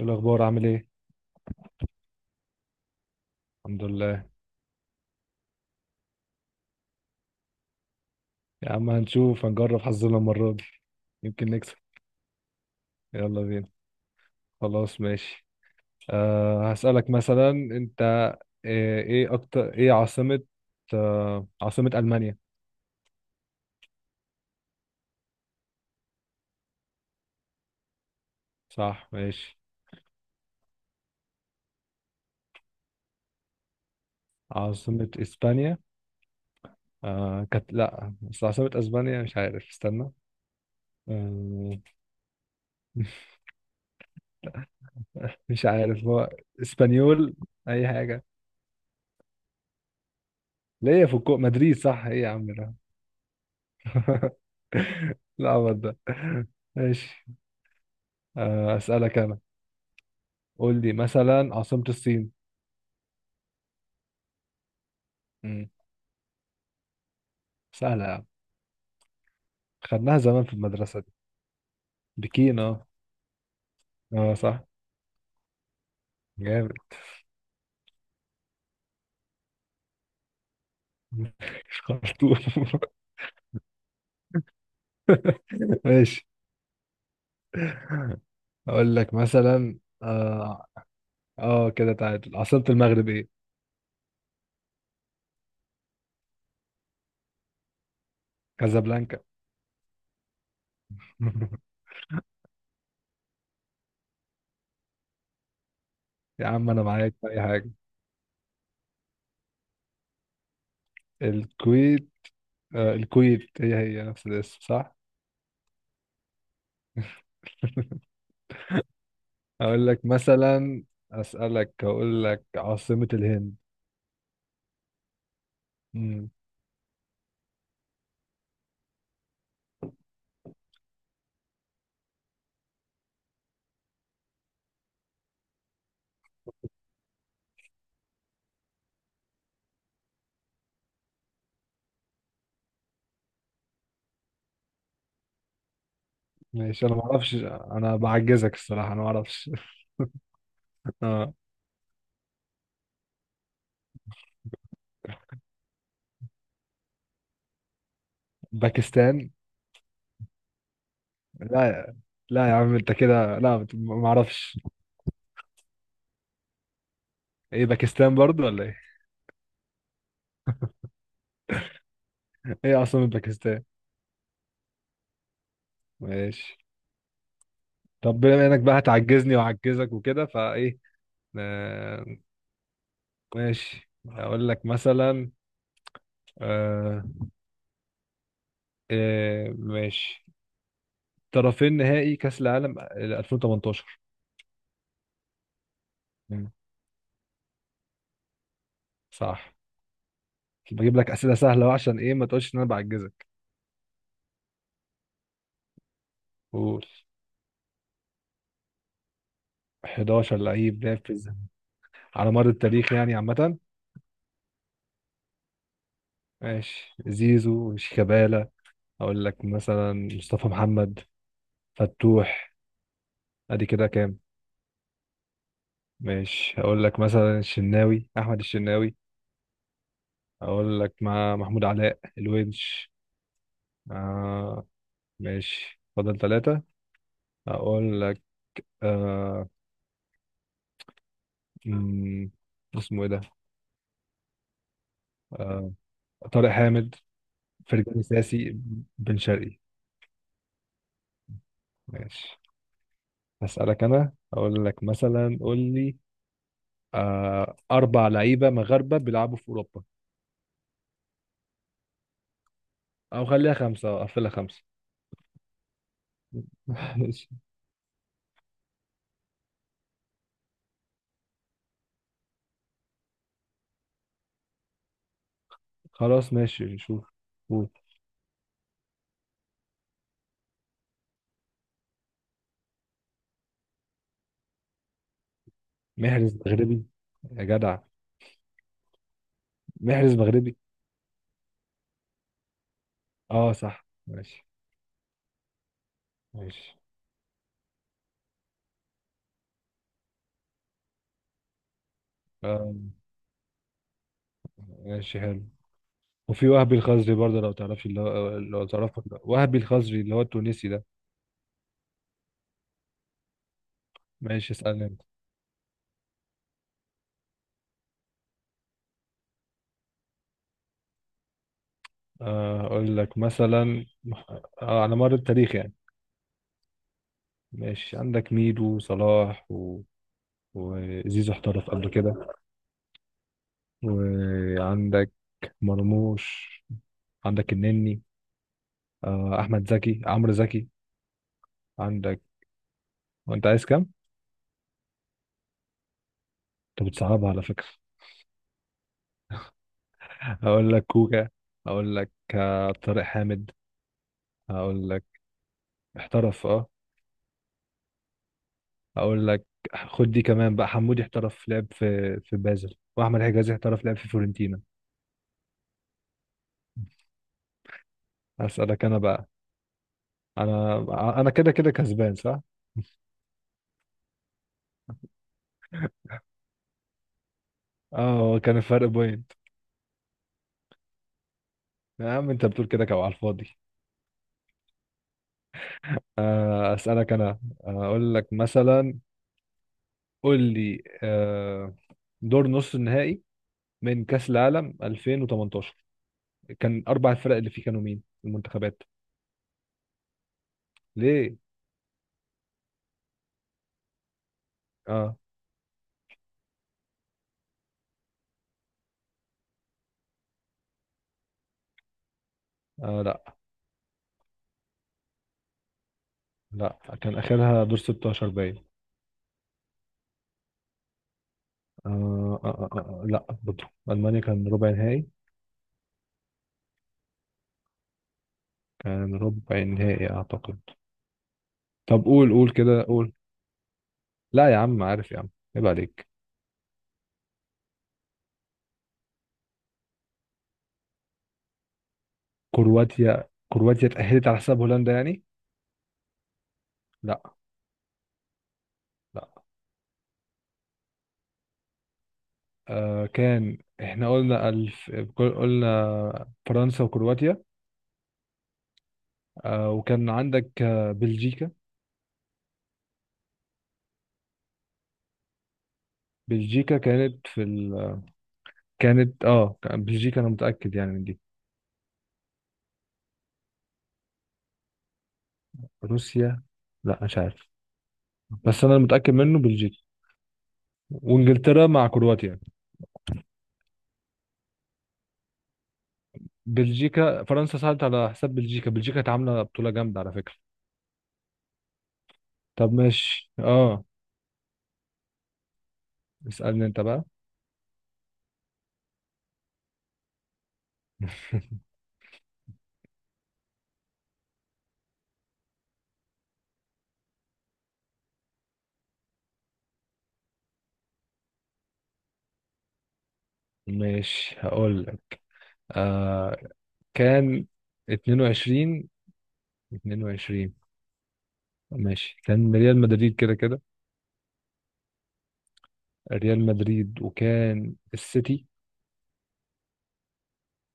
إيه الأخبار؟ عامل إيه؟ الحمد لله. يا عم هنشوف، هنجرب حظنا المرة دي. يمكن نكسب. يلا بينا. خلاص ماشي. هسألك مثلا. أنت إيه أكتر، إيه عاصمة؟ عاصمة ألمانيا. صح، ماشي. عاصمة إسبانيا؟ كانت لأ، بس عاصمة أسبانيا مش عارف، استنى. أه مش عارف هو. إسبانيول. أي حاجة. ليه؟ في مدريد صح. إيه يا عم ده؟ لا ده ماشي. أسألك أنا. قول لي مثلا عاصمة الصين. مم. سهلة يا عم، خدناها زمان في المدرسة دي. بكين. اه. اه صح. جامد. مش خرطوم؟ ماشي. أقول لك مثلا. اه اه كده تعادل. عاصمة المغرب ايه؟ كازابلانكا. يا عم أنا معاك في أي حاجة. الكويت. آه الكويت، هي هي نفس الاسم صح؟ أقول لك مثلا، أسألك، أقول لك عاصمة الهند. ماشي، انا ما اعرفش. انا بعجزك الصراحه، انا ما اعرفش. آه. باكستان؟ لا يا- لا يا عم، انت كده لا، ما اعرفش. ايه باكستان برضو ولا ايه؟ ايه اصلا باكستان. ماشي. طب بما انك بقى هتعجزني وعجزك وكده، فايه؟ آه ماشي. اقول لك مثلا. آه إيه ماشي. طرفين نهائي كاس العالم 2018. مم. صح. بجيب لك اسئله سهله أهو، عشان ايه ما تقولش ان انا بعجزك. قول، 11 لعيب لعب في، على مر التاريخ يعني عامة. ماشي، زيزو، شيكابالا، أقول لك مثلا مصطفى محمد، فتوح. أدي كده كام؟ ماشي، أقول لك مثلا الشناوي، أحمد الشناوي. أقول لك مع محمود علاء، الونش. آه. ماشي، فضل ثلاثة. أقول لك. آه مم، اسمه إيه ده؟ آه، طارق حامد. فرجاني ساسي. بن شرقي. ماشي. هسألك أنا، أقول لك مثلا، قول لي، أربع لعيبة مغاربة بيلعبوا في أوروبا. أو خليها خمسة، أو قفلها خمسة. ماشي. خلاص ماشي، شوف. قول. محرز مغربي؟ يا جدع، محرز مغربي؟ اه صح، ماشي ماشي. آه، ماشي حلو. وفي وهبي الخزري برضه، لو تعرفش اللي هو، لو تعرفه ولا لأ. وهبي الخزري اللي هو التونسي ده. ماشي، اسألني انت. اقول لك مثلا. على مر التاريخ يعني. ماشي، عندك ميدو، وصلاح، و... وزيزو احترف قبل كده. وعندك مرموش. عندك النني. احمد زكي، عمرو زكي. عندك. وانت عايز كام؟ انت بتصعبها على فكره. هقول لك كوكا. هقول لك، طارق حامد. هقول لك. احترف اه. هقول لك. خد دي كمان بقى، حمودي احترف، لعب في بازل. واحمد حجازي احترف، لعب في فيورنتينا. هسألك انا بقى. انا انا كده كده كسبان صح. اه هو كان الفرق بوينت. يا عم انت بتقول كده كده على الفاضي. اسالك انا، اقول لك مثلا. قول لي، دور نص النهائي من كأس العالم 2018، كان أربع الفرق اللي فيه كانوا مين؟ المنتخبات. ليه؟ آه. آه لا، لا كان آخرها دور 16 باين. لا برضه ألمانيا كان ربع نهائي. كان ربع نهائي أعتقد. طب قول، قول كده، قول. لا يا عم عارف يا عم، عيب عليك. كرواتيا، اتأهلت على حساب هولندا يعني؟ لا. لا. آه، كان احنا قلنا قلنا فرنسا وكرواتيا. وكان عندك، بلجيكا. بلجيكا كانت في كانت اه، بلجيكا انا متأكد يعني من دي. روسيا؟ لا مش عارف، بس انا متأكد منه بلجيكا وانجلترا مع كرواتيا يعني. بلجيكا، فرنسا ساعدت على حساب بلجيكا. بلجيكا كانت عاملة بطولة جامدة على فكرة. طب ماشي اه، اسألني انت بقى. ماشي، هقول لك. آه كان 22، 22 ماشي. كان ريال مدريد كده كده. ريال مدريد، وكان السيتي.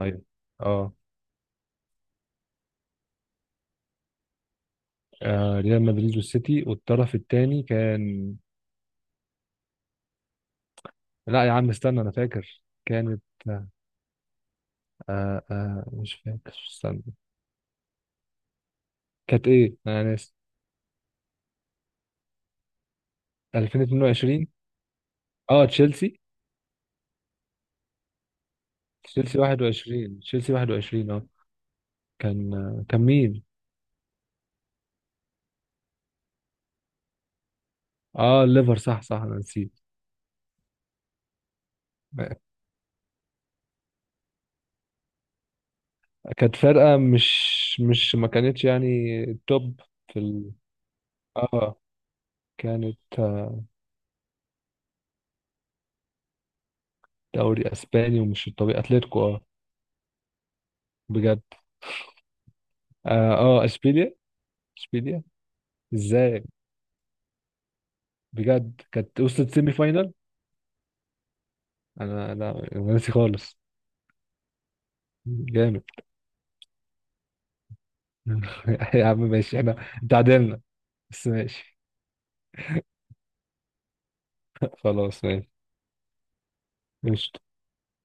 ايوه. اه. ريال مدريد والسيتي، والطرف الثاني كان. لا يا عم استنى، انا فاكر كانت، مش فاكر، استنى. كانت ايه؟ انا ناسي. 2022. اه تشيلسي. تشيلسي 21، تشيلسي 21 اه. كان، كان مين؟ اه الليفر. صح صح، انا نسيت. كانت فرقة مش ما كانتش يعني توب في اه كانت، دوري اسباني. ومش الطبيعي اتلتيكو اه. بجد. اه, اشبيليا. اشبيليا؟ ازاي؟ بجد، كانت وصلت سيمي فاينال؟ انا لا، أنا ناسي خالص. جامد. يا عم ماشي، احنا تعادلنا بس ماشي. خلاص ماشي. ماشي.